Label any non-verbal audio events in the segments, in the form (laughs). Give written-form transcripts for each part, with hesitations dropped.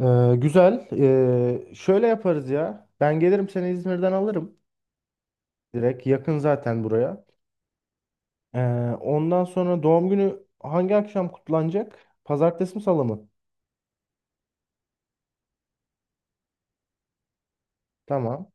Güzel. Şöyle yaparız ya. Ben gelirim, seni İzmir'den alırım. Direkt yakın zaten buraya. Ee, Ondan sonra doğum günü hangi akşam kutlanacak? Pazartesi mi, salı mı? Tamam.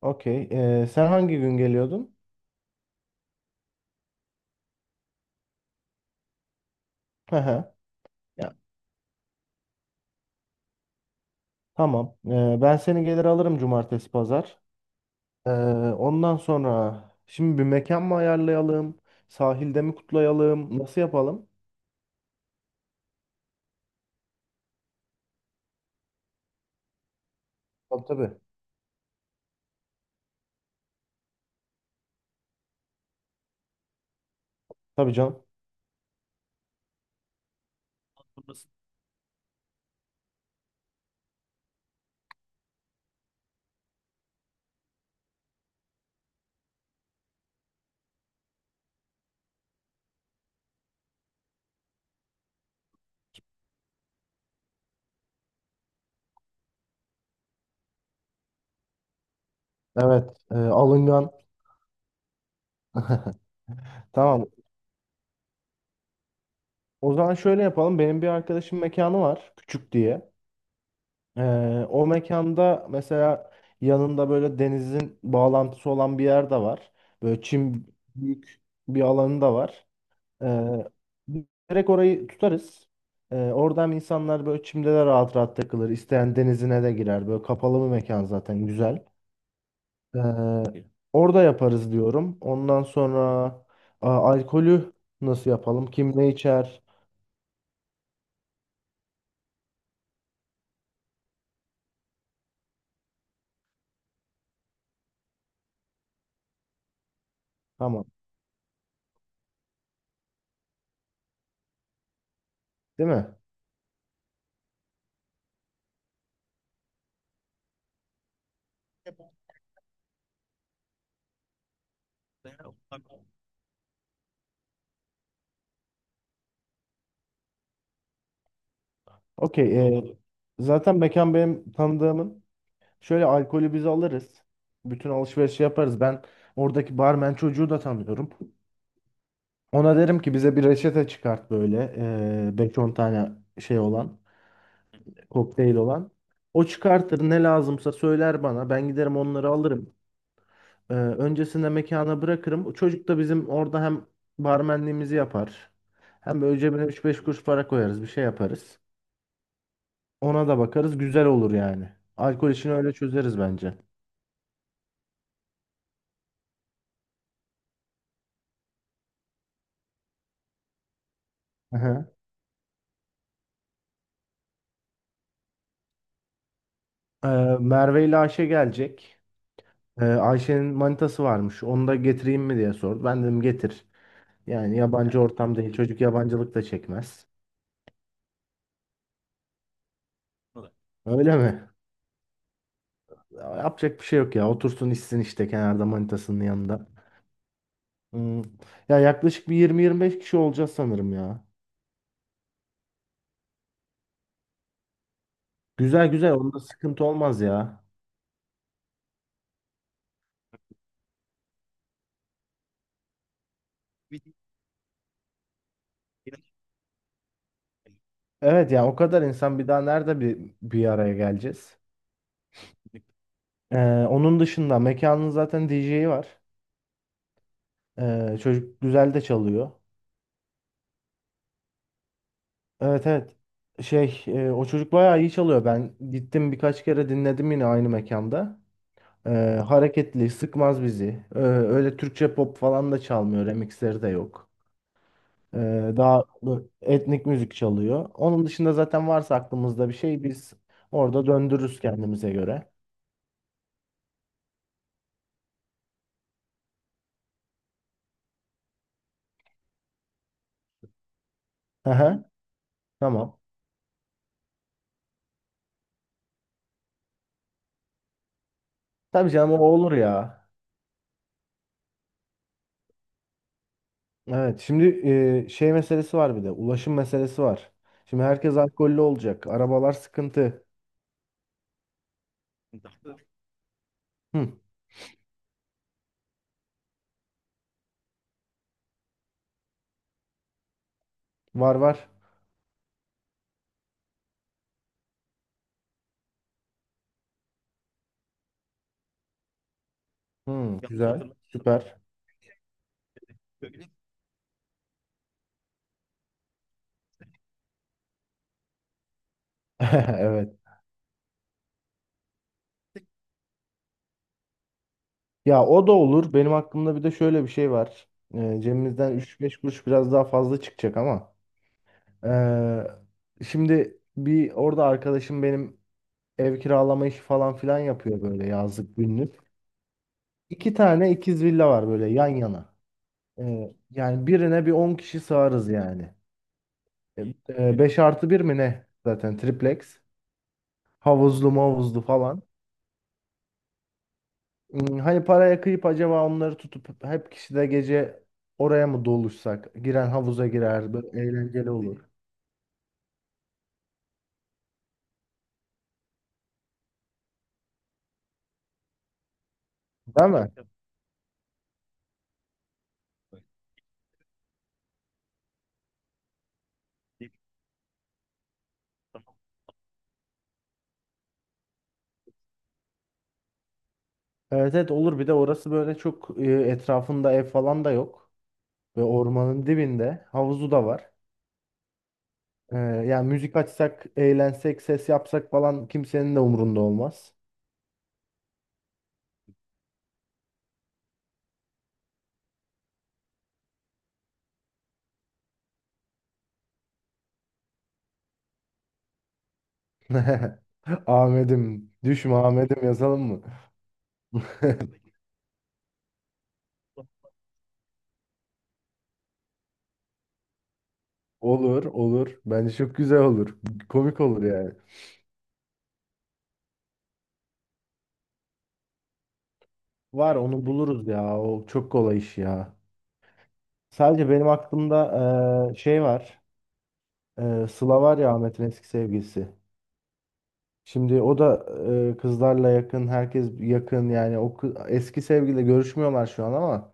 Okey. Sen hangi gün geliyordun? Hı hı. Ya, tamam. Ben seni gelir alırım, cumartesi pazar. Ee, Ondan sonra şimdi bir mekan mı ayarlayalım? Sahilde mi kutlayalım? Nasıl yapalım? Tabii, tabii. Tabii canım. Evet, alıngan. (laughs) Tamam. O zaman şöyle yapalım. Benim bir arkadaşım mekanı var. Küçük diye. Ee, O mekanda mesela yanında böyle denizin bağlantısı olan bir yer de var. Böyle çim büyük bir alanı da var. Ee, Direkt orayı tutarız. Oradan insanlar böyle çimde de rahat rahat takılır. İsteyen denizine de girer. Böyle kapalı bir mekan zaten güzel. Ee, Orada yaparız diyorum. Ondan sonra alkolü nasıl yapalım? Kim ne içer? Tamam. Değil mi? Okey. Zaten mekan benim tanıdığımın. Şöyle, alkolü biz alırız. Bütün alışverişi yaparız. Ben oradaki barmen çocuğu da tanıyorum. Ona derim ki bize bir reçete çıkart böyle. 5-10 tane şey olan. Kokteyl olan. O çıkartır, ne lazımsa söyler bana. Ben giderim onları alırım. Öncesinde mekana bırakırım. O çocuk da bizim orada hem barmenliğimizi yapar. Hem böyle cebine üç beş kuruş para koyarız. Bir şey yaparız. Ona da bakarız. Güzel olur yani. Alkol işini öyle çözeriz bence. Hı hı. Ee, Merve ile Ayşe gelecek. Ayşe'nin manitası varmış. Onu da getireyim mi diye sordu. Ben dedim, getir. Yani yabancı ortam değil. Çocuk yabancılık da çekmez. Öyle mi? Yapacak bir şey yok ya. Otursun içsin işte kenarda manitasının yanında. Hmm. Ya yaklaşık bir 20-25 kişi olacağız sanırım ya. Güzel güzel. Onda sıkıntı olmaz ya. Evet ya, o kadar insan bir daha nerede bir araya geleceğiz? Onun dışında mekanın zaten DJ'i var. Çocuk güzel de çalıyor. Evet, evet. Şey, o çocuk bayağı iyi çalıyor. Ben gittim birkaç kere dinledim yine aynı mekanda. Ee, Hareketli, sıkmaz bizi. Öyle Türkçe pop falan da çalmıyor. Remixleri de yok. Ee, Daha bu etnik müzik çalıyor. Onun dışında zaten varsa aklımızda bir şey biz orada döndürürüz kendimize göre. Hı hı. Tamam. Tabii canım, o olur ya. Evet, şimdi şey meselesi var, bir de ulaşım meselesi var. Şimdi herkes alkollü olacak. Arabalar sıkıntı. Hı, var var. Hı, yanlış güzel. Hatırlamıyorsam. Süper. (laughs) Evet. Ya, o da olur. Benim aklımda bir de şöyle bir şey var. Cebimizden 3-5 kuruş biraz daha fazla çıkacak ama. Şimdi bir, orada arkadaşım benim ev kiralama işi falan filan yapıyor, böyle yazlık günlük. İki tane ikiz villa var böyle yan yana. Yani birine bir 10 kişi sığarız yani. 5 artı bir mi ne? Zaten triplex. Havuzlu mavuzlu falan. Hani paraya kıyıp acaba onları tutup hep kişi de gece oraya mı doluşsak? Giren havuza girer. Böyle eğlenceli olur. Değil mi? Evet, evet olur. Bir de orası böyle çok etrafında ev falan da yok. Ve ormanın dibinde. Havuzu da var. Yani müzik açsak, eğlensek, ses yapsak falan kimsenin de umurunda olmaz. (laughs) Ahmet'im, düşme Ahmet'im yazalım mı? (laughs) Olur, olur. Bence çok güzel olur. Komik olur yani. Var, onu buluruz ya. O çok kolay iş ya. Sadece benim aklımda şey var. Sıla var ya, Ahmet'in eski sevgilisi. Şimdi o da kızlarla yakın, herkes yakın yani eski sevgiliyle görüşmüyorlar şu an, ama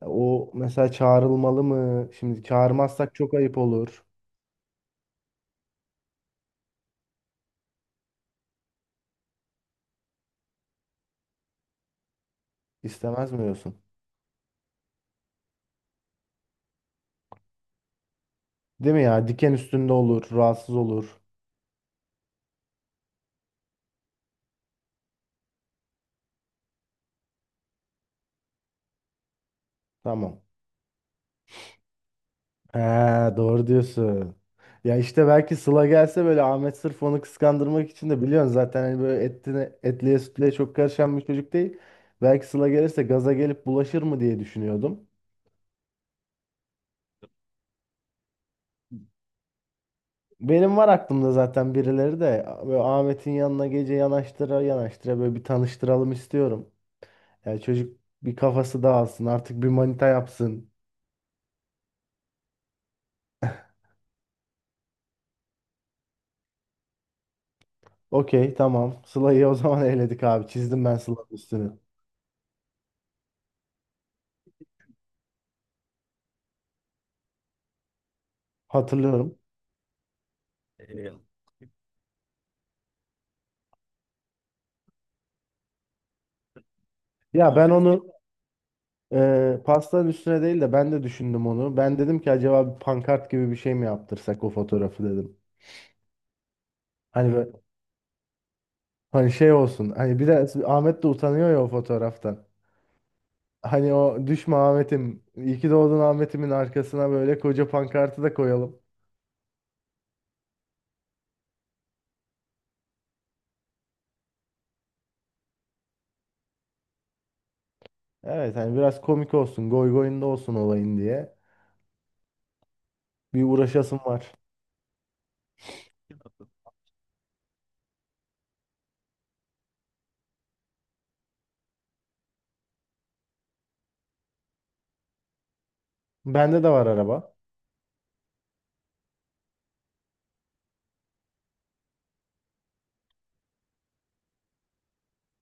o mesela çağrılmalı mı? Şimdi çağırmazsak çok ayıp olur. İstemez mi diyorsun? Değil mi ya? Diken üstünde olur, rahatsız olur. Tamam. Ha, doğru diyorsun. Ya işte belki Sıla gelse böyle Ahmet sırf onu kıskandırmak için de, biliyorsun zaten hani böyle etliye sütlüye çok karışan bir çocuk değil. Belki Sıla gelirse gaza gelip bulaşır mı diye düşünüyordum. Benim var aklımda, zaten birileri de böyle Ahmet'in yanına gece yanaştıra yanaştıra böyle bir tanıştıralım istiyorum. Yani çocuk bir kafası dağılsın artık, bir manita yapsın. Okey, tamam. Sıla'yı o zaman (laughs) eledik abi, çizdim ben Sıla'nın üstünü. Hatırlıyorum. Ya ben onu Pastanın üstüne değil de ben de düşündüm onu. Ben dedim ki acaba bir pankart gibi bir şey mi yaptırsak o fotoğrafı, dedim. Hani böyle, hani şey olsun. Hani biraz Ahmet de utanıyor ya o fotoğraftan. Hani o düşme Ahmet'im, iyi ki doğdun Ahmet'imin arkasına böyle koca pankartı da koyalım. Evet, hani biraz komik olsun, goy goyunda olsun olayın diye. Bir uğraşasım var. Bende de var araba.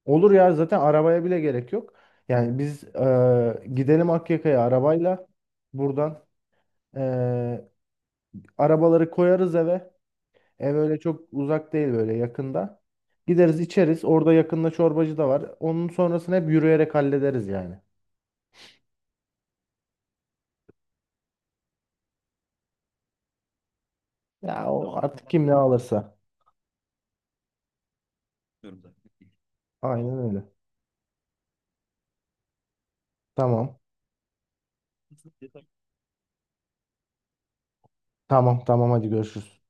Olur ya, zaten arabaya bile gerek yok. Yani biz gidelim Akyaka'ya arabayla buradan. Arabaları koyarız eve. Ev öyle çok uzak değil, böyle yakında. Gideriz içeriz. Orada yakında çorbacı da var. Onun sonrasını hep yürüyerek hallederiz yani. Ya o tamam artık, tamam. Kim ne alırsa. Aynen öyle. Tamam. Tamam tamam, hadi görüşürüz.